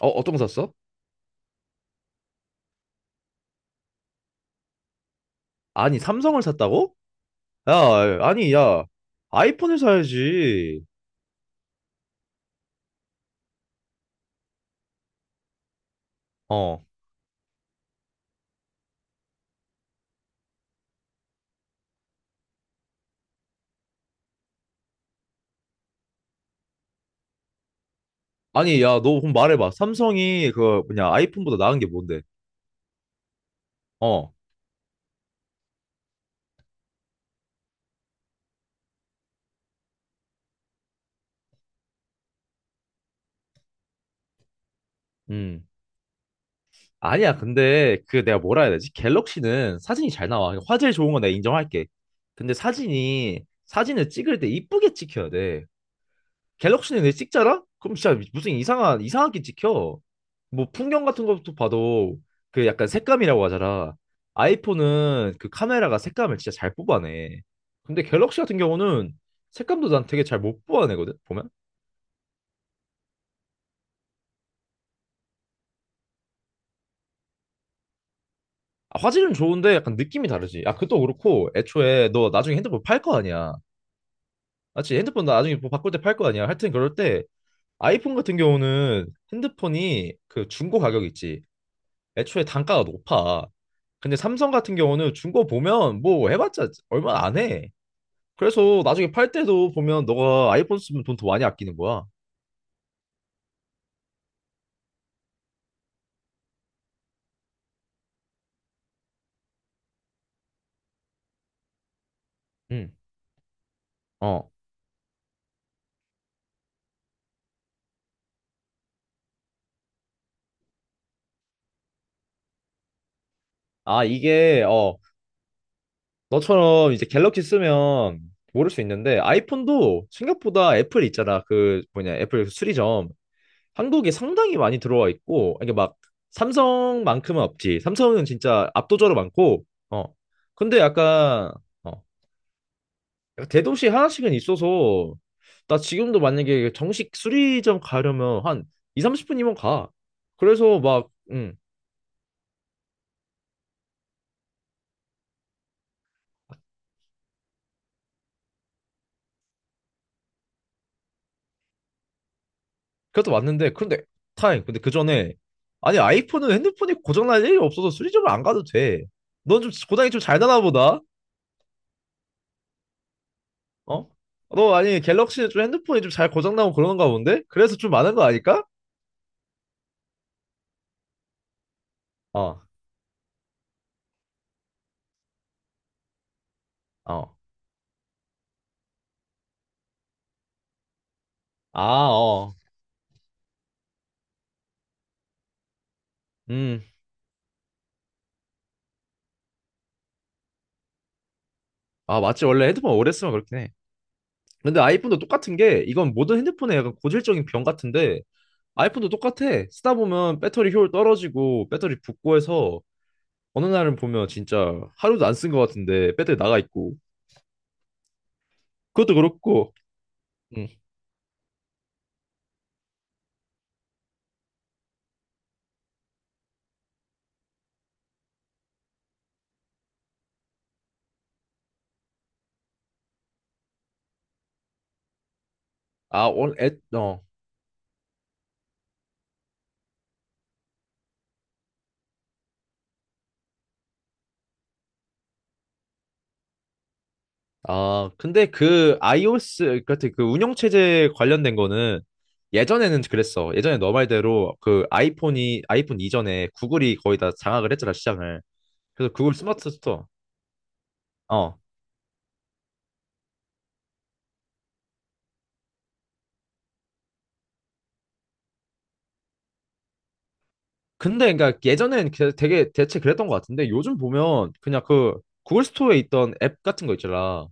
어, 어떤 거 샀어? 아니, 삼성을 샀다고? 야, 아니, 야, 아이폰을 사야지. 어. 아니, 야, 너 그럼 말해봐. 삼성이 그 뭐냐, 아이폰보다 나은 게 뭔데? 어. 음. 아니야, 근데 그 내가 뭐라 해야 되지? 갤럭시는 사진이 잘 나와. 화질 좋은 건 내가 인정할게. 근데 사진을 찍을 때 이쁘게 찍혀야 돼. 갤럭시는 내 찍자라? 그럼 진짜 무슨 이상한 이상하게 찍혀. 뭐 풍경 같은 것도 봐도 그 약간 색감이라고 하잖아. 아이폰은 그 카메라가 색감을 진짜 잘 뽑아내. 근데 갤럭시 같은 경우는 색감도 난 되게 잘 못 뽑아내거든. 보면 아, 화질은 좋은데 약간 느낌이 다르지. 아, 그것도 그렇고 애초에 너 나중에 핸드폰 팔 거 아니야. 맞지? 핸드폰 나중에 뭐 바꿀 때 팔 거 아니야. 하여튼 그럴 때 아이폰 같은 경우는 핸드폰이 그 중고 가격 있지. 애초에 단가가 높아. 근데 삼성 같은 경우는 중고 보면 뭐 해봤자 얼마 안 해. 그래서 나중에 팔 때도 보면 너가 아이폰 쓰면 돈 더 많이 아끼는 거야. 응. 어. 아, 이게, 어, 너처럼 이제 갤럭시 쓰면 모를 수 있는데 아이폰도 생각보다 애플 있잖아. 그 뭐냐, 애플 그 수리점. 한국에 상당히 많이 들어와 있고, 이게 막 삼성만큼은 없지. 삼성은 진짜 압도적으로 많고, 어. 근데 약간, 어, 대도시 하나씩은 있어서 나 지금도 만약에 정식 수리점 가려면 한 2, 30분이면 가. 그래서 막 그것도 맞는데 그런데 타임 근데 그 전에 아니 아이폰은 핸드폰이 고장날 일이 없어서 수리점을 안 가도 돼. 넌 좀 고장이 좀 잘 나나 보다. 어? 너 아니 갤럭시는 좀 핸드폰이 좀 잘 고장나고 그러는가 본데? 그래서 좀 많은 거 아닐까? 어, 어. 아, 어. 음. 아, 맞지. 원래 핸드폰 오래 쓰면 그렇긴 해. 근데 아이폰도 똑같은 게 이건 모든 핸드폰의 약간 고질적인 병 같은데 아이폰도 똑같아. 쓰다 보면 배터리 효율 떨어지고 배터리 붓고 해서 어느 날은 보면 진짜 하루도 안 쓴 것 같은데 배터리 나가 있고 그것도 그렇고. 응. 아, 원, 애, 어. 아, 근데 그 iOS 같은 그 운영 체제 관련된 거는 예전에는 그랬어. 예전에 너 말대로 그 아이폰 이전에 구글이 거의 다 장악을 했잖아 시장을. 그래서 구글 스마트 스토어. 어. 근데 그러니까 예전엔 되게 대체 그랬던 것 같은데 요즘 보면 그냥 그 구글 스토어에 있던 앱 같은 거 있잖아.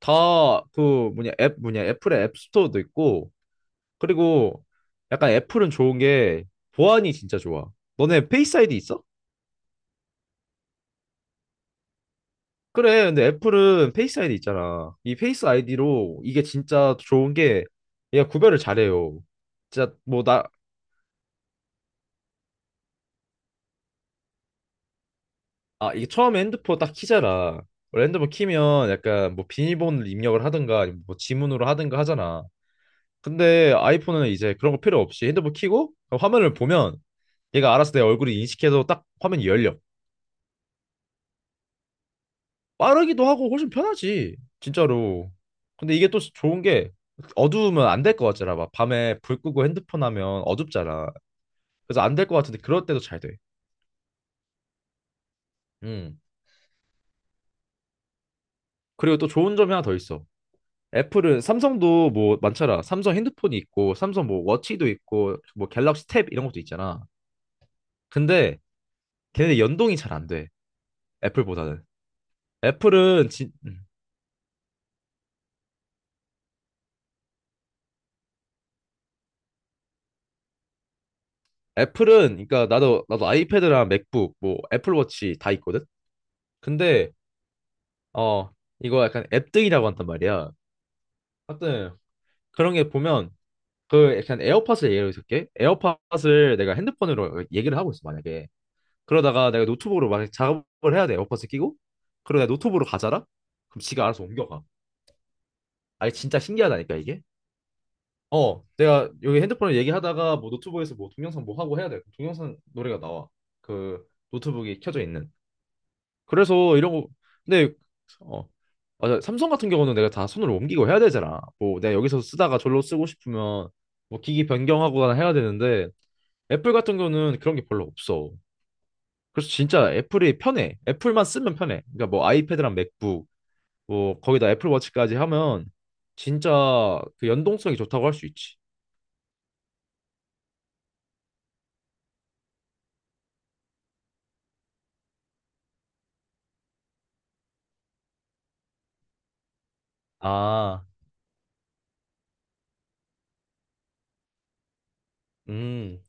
다 그 뭐냐 앱 뭐냐 애플의 앱 스토어도 있고 그리고 약간 애플은 좋은 게 보안이 진짜 좋아. 너네 페이스 아이디 있어? 그래. 근데 애플은 페이스 아이디 있잖아. 이 페이스 아이디로 이게 진짜 좋은 게 얘가 구별을 잘해요. 진짜 뭐나 아, 이게 처음에 핸드폰 딱 키잖아. 원래 핸드폰 키면 약간 뭐 비밀번호를 입력을 하든가 아니면 뭐 지문으로 하든가 하잖아. 근데 아이폰은 이제 그런 거 필요 없이 핸드폰 키고 그럼 화면을 보면 얘가 알아서 내 얼굴을 인식해서 딱 화면이 열려. 빠르기도 하고 훨씬 편하지. 진짜로. 근데 이게 또 좋은 게 어두우면 안 될 것 같잖아. 막 밤에 불 끄고 핸드폰 하면 어둡잖아. 그래서 안 될 것 같은데 그럴 때도 잘 돼. 음. 그리고 또 좋은 점이 하나 더 있어. 애플은 삼성도 뭐 많잖아. 삼성 핸드폰이 있고, 삼성 뭐 워치도 있고, 뭐 갤럭시 탭 이런 것도 있잖아. 근데 걔네 연동이 잘 안 돼. 애플보다는. 애플은 진 음. 애플은 그러니까 나도 아이패드랑 맥북 뭐 애플워치 다 있거든. 근데 어 이거 약간 앱등이라고 한단 말이야. 하여튼 그런 게 보면 그 약간 에어팟을 예로 들게. 에어팟을 내가 핸드폰으로 얘기를 하고 있어 만약에. 그러다가 내가 노트북으로 막 작업을 해야 돼. 에어팟을 끼고. 그러다 노트북으로 가잖아? 그럼 지가 알아서 옮겨가. 아니, 진짜 신기하다니까, 이게. 어, 내가 여기 핸드폰을 얘기하다가 뭐 노트북에서 뭐 동영상 뭐 하고 해야 돼. 그럼 동영상 노래가 나와. 그 노트북이 켜져 있는. 그래서 이런 거, 근데, 어, 맞아. 삼성 같은 경우는 내가 다 손으로 옮기고 해야 되잖아. 뭐 내가 여기서 쓰다가 절로 쓰고 싶으면 뭐 기기 변경하거나 해야 되는데 애플 같은 경우는 그런 게 별로 없어. 그래서 진짜 애플이 편해. 애플만 쓰면 편해. 그러니까 뭐 아이패드랑 맥북, 뭐 거기다 애플워치까지 하면 진짜 그 연동성이 좋다고 할 수 있지. 아, 음,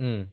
음.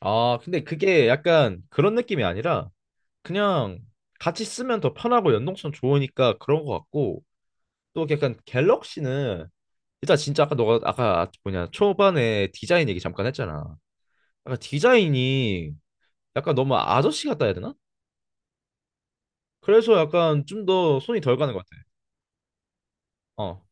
아, 근데 그게 약간 그런 느낌이 아니라 그냥 같이 쓰면 더 편하고 연동성 좋으니까 그런 것 같고 또 약간 갤럭시는 일단 진짜 아까 너가 아까 뭐냐 초반에 디자인 얘기 잠깐 했잖아. 약간 디자인이 약간 너무 아저씨 같다 해야 되나? 그래서 약간 좀 더 손이 덜 가는 것 같아. 어.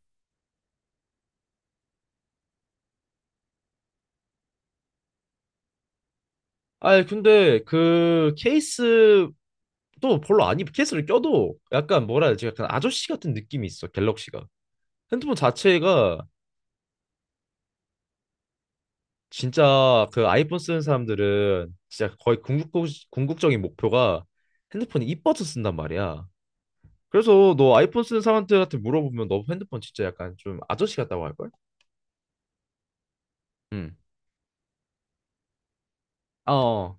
아니, 근데 그 케이스도 별로 안 입, 케이스를 껴도 약간 뭐라 해야 되지? 약간 아저씨 같은 느낌이 있어, 갤럭시가. 핸드폰 자체가 진짜 그 아이폰 쓰는 사람들은 진짜 거의 궁극적인 목표가 핸드폰이 이뻐서 쓴단 말이야. 그래서 너 아이폰 쓰는 사람들한테 물어보면 너 핸드폰 진짜 약간 좀 아저씨 같다고 할걸? 응. 아, 어.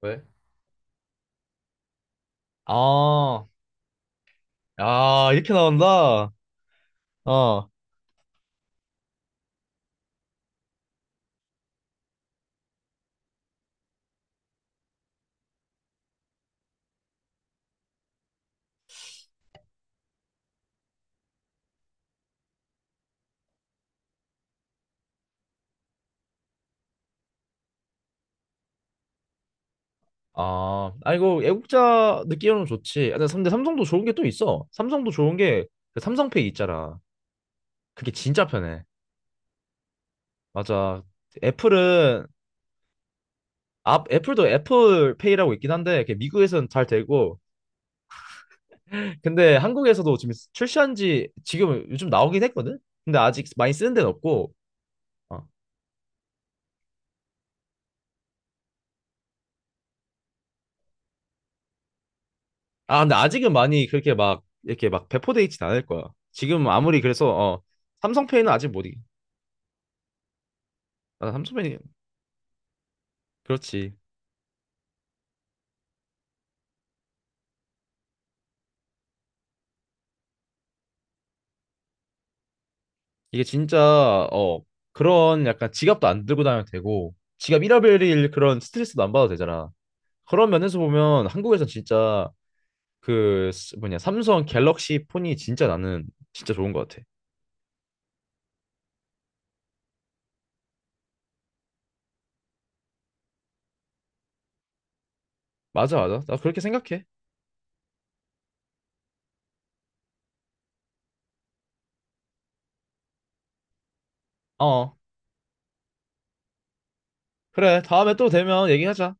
왜? 아, 아, 이렇게 나온다. 어. 아, 아 이거 애국자 느끼으면 좋지. 아, 근데 삼성도 좋은 게 또 있어. 삼성도 좋은 게 그 삼성페이 있잖아. 그게 진짜 편해. 맞아. 애플은 아, 애플도 애플페이라고 있긴 한데 그게 미국에서는 잘 되고 근데 한국에서도 지금 출시한 지 지금 요즘 나오긴 했거든. 근데 아직 많이 쓰는 데는 없고. 어. 아, 근데 아직은 많이 그렇게 막 이렇게 막 배포돼 있진 않을 거야. 지금 아무리 그래서 어 삼성페이는 아직 못 이기. 아, 삼성페이 그렇지. 이게 진짜 어 그런 약간 지갑도 안 들고 다녀도 되고 지갑 잃어버릴 그런 스트레스도 안 받아도 되잖아. 그런 면에서 보면 한국에선 진짜 뭐냐 삼성 갤럭시 폰이 진짜 나는 진짜 좋은 것 같아. 맞아, 맞아. 나 그렇게 생각해. 어 그래, 다음에 또 되면 얘기하자.